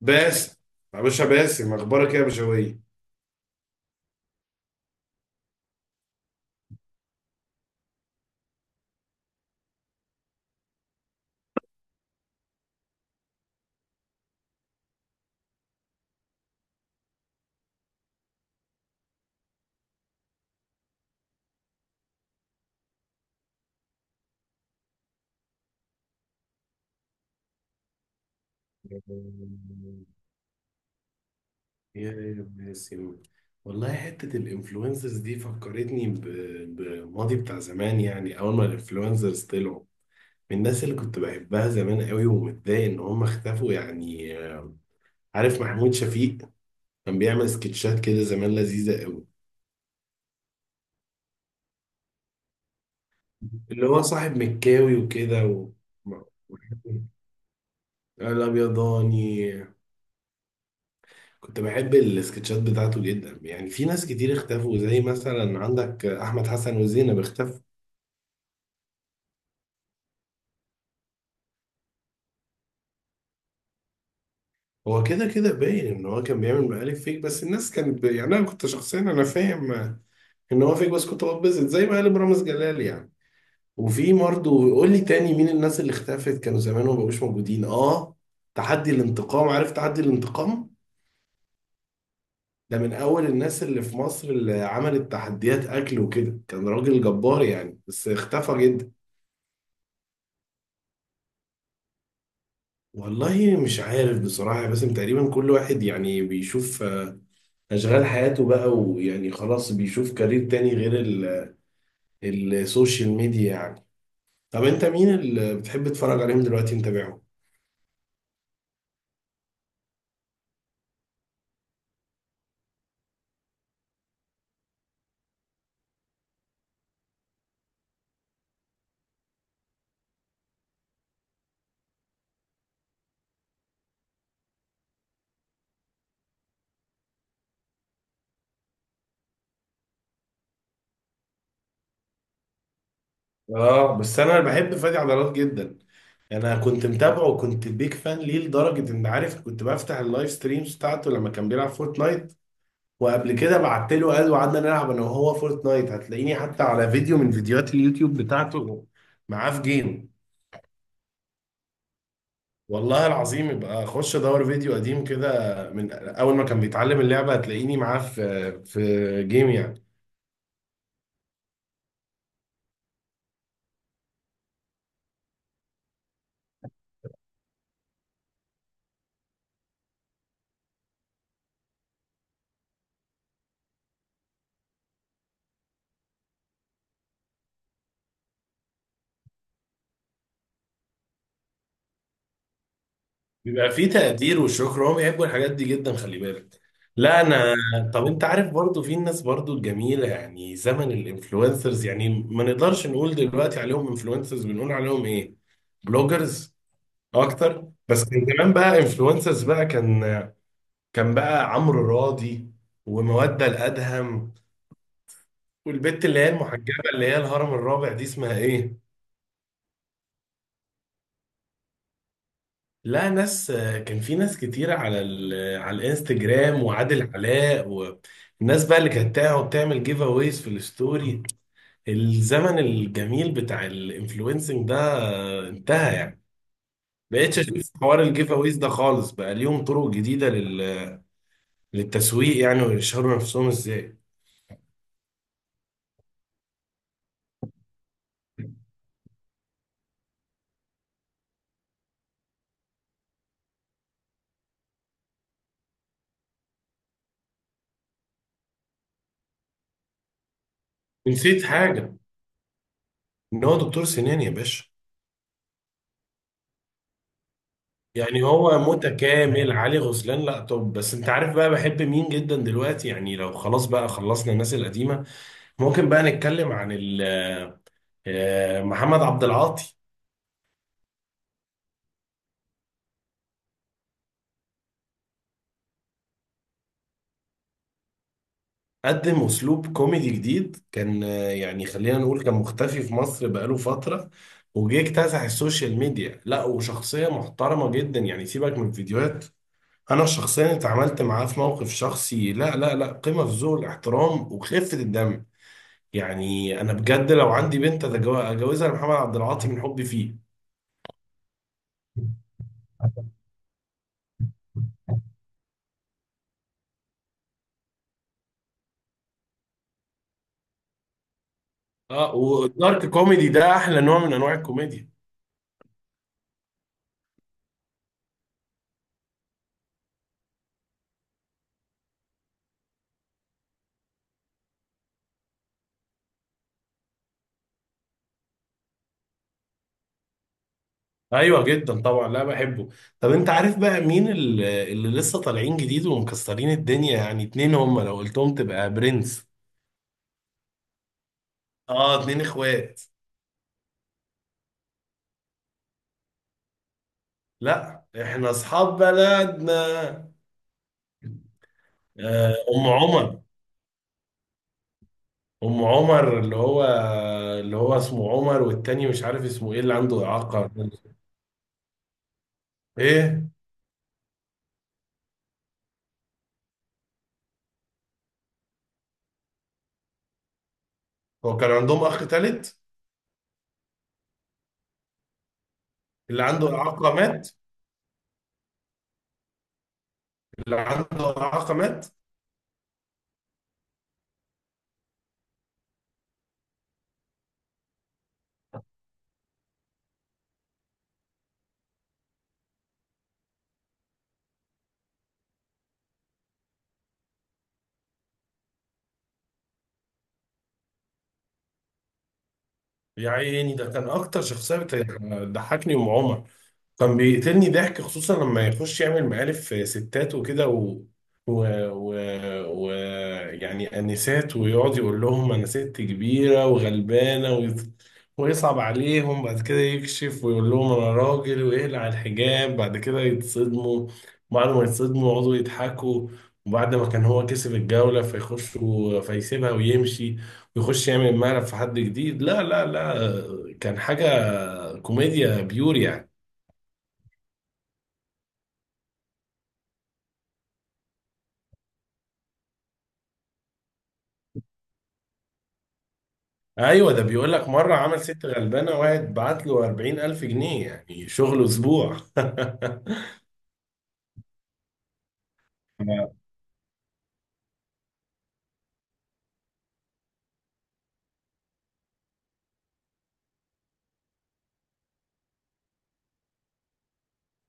باسم، يا باشا باسم اخبارك إيه يا بشوية. يا باسم، والله حتة الانفلونسرز دي فكرتني بماضي بتاع زمان. يعني أول ما الانفلونسرز طلعوا، من الناس اللي كنت بحبها زمان قوي ومتضايق إن هم اختفوا يعني. عارف محمود شفيق؟ كان بيعمل سكتشات كده زمان لذيذة قوي. اللي هو صاحب مكاوي وكده و... الأبيضاني. كنت بحب السكتشات بتاعته جدا يعني. في ناس كتير اختفوا، زي مثلا عندك احمد حسن وزينب اختفوا. هو كده كده باين ان هو كان بيعمل مقالب فيك، بس الناس كانت ب... يعني انا كنت شخصيا انا فاهم ان هو فيك، بس كنت بتبسط زي مقالب رامز جلال يعني. وفي برضه، قول لي تاني مين الناس اللي اختفت كانوا زمان وما بقوش موجودين. اه، تحدي الانتقام، عارف تحدي الانتقام؟ ده من اول الناس اللي في مصر اللي عملت تحديات اكل وكده، كان راجل جبار يعني بس اختفى جدا. والله مش عارف بصراحة، بس تقريبا كل واحد يعني بيشوف أشغال حياته بقى، ويعني خلاص بيشوف كارير تاني غير السوشيال ميديا يعني. طب أنت مين اللي بتحب تتفرج عليهم دلوقتي متابعهم؟ آه، بس أنا بحب فادي عضلات جدا. أنا كنت متابعه وكنت بيك فان ليه لدرجة إن، عارف، كنت بفتح اللايف ستريمز بتاعته لما كان بيلعب فورتنايت. وقبل كده بعت له قال، وقعدنا نلعب أنا وهو فورتنايت. هتلاقيني حتى على فيديو من فيديوهات اليوتيوب بتاعته معاه في جيم. والله العظيم، يبقى اخش ادور فيديو قديم كده من اول ما كان بيتعلم اللعبه، هتلاقيني معاه في جيم يعني. بيبقى فيه تقدير والشكر، هم بيحبوا الحاجات دي جدا، خلي بالك. لا انا. طب انت عارف برضو في الناس برضو الجميله، يعني زمن الانفلونسرز، يعني ما نقدرش نقول دلوقتي عليهم انفلونسرز، بنقول عليهم ايه، بلوجرز اكتر. بس كان زمان بقى انفلونسرز بقى، كان كان بقى عمرو راضي، ومودة الأدهم، والبت اللي هي المحجبة اللي هي الهرم الرابع، دي اسمها ايه؟ لا ناس، كان في ناس كتير على ال... على الانستجرام، وعادل علاء، والناس بقى اللي كانت تقعد تعمل جيف اويز في الستوري. الزمن الجميل بتاع الانفلونسنج ده انتهى يعني. بقيتش اشوف حوار الجيف اويز ده خالص، بقى ليهم طرق جديدة لل... للتسويق يعني، ويشهروا نفسهم ازاي. نسيت حاجة. ان هو دكتور سنان يا باشا. يعني هو متكامل علي غزلان. لا، طب بس انت عارف بقى بحب مين جدا دلوقتي؟ يعني لو خلاص بقى خلصنا الناس القديمة، ممكن بقى نتكلم عن محمد عبد العاطي. قدم اسلوب كوميدي جديد، كان يعني خلينا نقول كان مختفي في مصر بقاله فترة، وجه اكتسح السوشيال ميديا. لا، وشخصية محترمة جدا، يعني سيبك من الفيديوهات، انا شخصيا اتعاملت معاه في موقف شخصي، لا لا لا، قمة في ذوق الاحترام وخفة الدم يعني. انا بجد لو عندي بنت اجوزها لمحمد عبد العاطي من حبي فيه. اه، والدارك كوميدي ده احلى نوع من انواع الكوميديا. ايوه جدا طبعا، لا بحبه. طب انت عارف بقى مين اللي لسه طالعين جديد ومكسرين الدنيا؟ يعني اتنين هم لو قلتهم تبقى برنس. اه، اتنين اخوات. لا، احنا اصحاب بلدنا. آه، ام عمر. ام عمر اللي هو، اللي هو اسمه عمر، والتاني مش عارف اسمه ايه، اللي عنده اعاقه. ايه، هو كان عندهم اخ تالت؟ اللي عنده إعاقة مات. اللي عنده إعاقة مات. يا عيني، ده كان أكتر شخصية ضحكني ومعومة. كان بيقتلني ضحك، خصوصا لما يخش يعمل مقالب ستات وكده، و... و... و... و يعني انسات، ويقعد يقول لهم انا ست كبيره وغلبانه، وي... ويصعب عليهم، بعد كده يكشف ويقول لهم انا راجل، ويقلع الحجاب، بعد كده يتصدموا. بعد ما يتصدموا يقعدوا يضحكوا، وبعد ما كان هو كسب الجوله فيخش و... فيسيبها ويمشي، ويخش يعمل مقلب في حد جديد. لا لا لا، كان حاجه كوميديا بيور يعني. ايوه، ده بيقول لك مره عمل ست غلبانه، واحد بعت له 40000 جنيه يعني شغله اسبوع.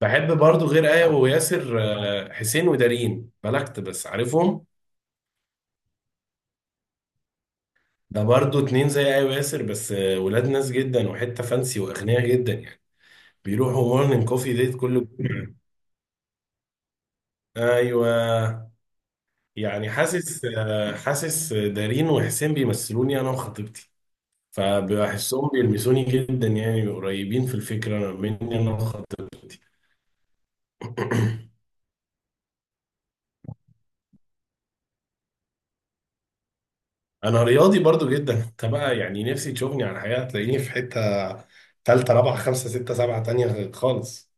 بحب برضو غير آية وياسر حسين ودارين بلغت، بس عارفهم؟ ده برضو اتنين زي آية وياسر، بس ولاد ناس جدا وحتة فانسي وأغنياء جدا يعني. بيروحوا مورنينج كوفي ديت كل جمعة. ايوه. يعني حاسس، حاسس دارين وحسين بيمثلوني انا وخطيبتي، فبحسهم بيلمسوني جدا، يعني قريبين في الفكرة مني انا. انا رياضي برضو جدا. انت بقى يعني نفسي تشوفني على الحقيقه، تلاقيني في حته ثالثه رابعه خمسه سته سبعه تانية خالص.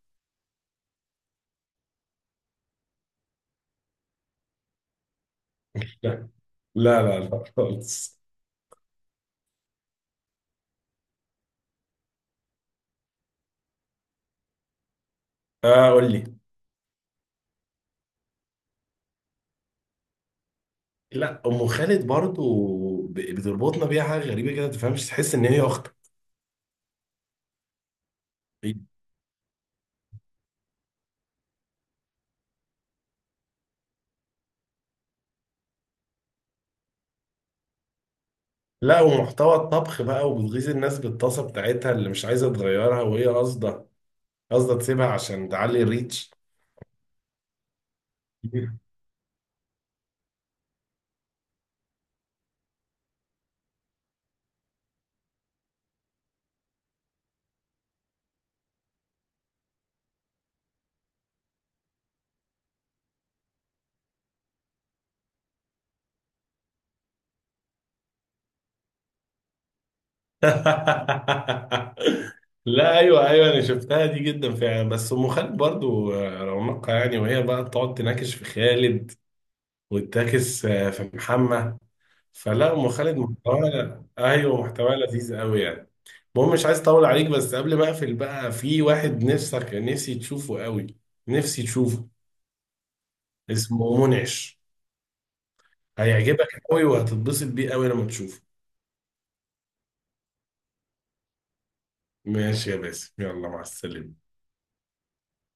لا، لا خالص. آه، قول لي. لا، ام خالد برضو بتربطنا بيها حاجه غريبه كده، ما تفهمش، تحس ان هي اختك. لا، ومحتوى الطبخ بقى، وبتغيظ الناس بالطاسه بتاعتها اللي مش عايزه تغيرها، وهي قاصده، قاصده تسيبها عشان تعلي الريتش. لا، ايوه ايوه، انا شفتها دي جدا فعلا. بس ام خالد برضو رونقها يعني، وهي بقى تقعد تناكش في خالد، وتناكش في محمد. فلا، ام خالد محتواها، ايوه محتواها لذيذ قوي يعني. المهم، مش عايز اطول عليك، بس قبل ما اقفل بقى، في واحد نفسك نفسي تشوفه قوي، نفسي تشوفه. اسمه منعش. هيعجبك قوي وهتتبسط بيه قوي لما تشوفه. ماشي يا باسم، يلا مع السلامة.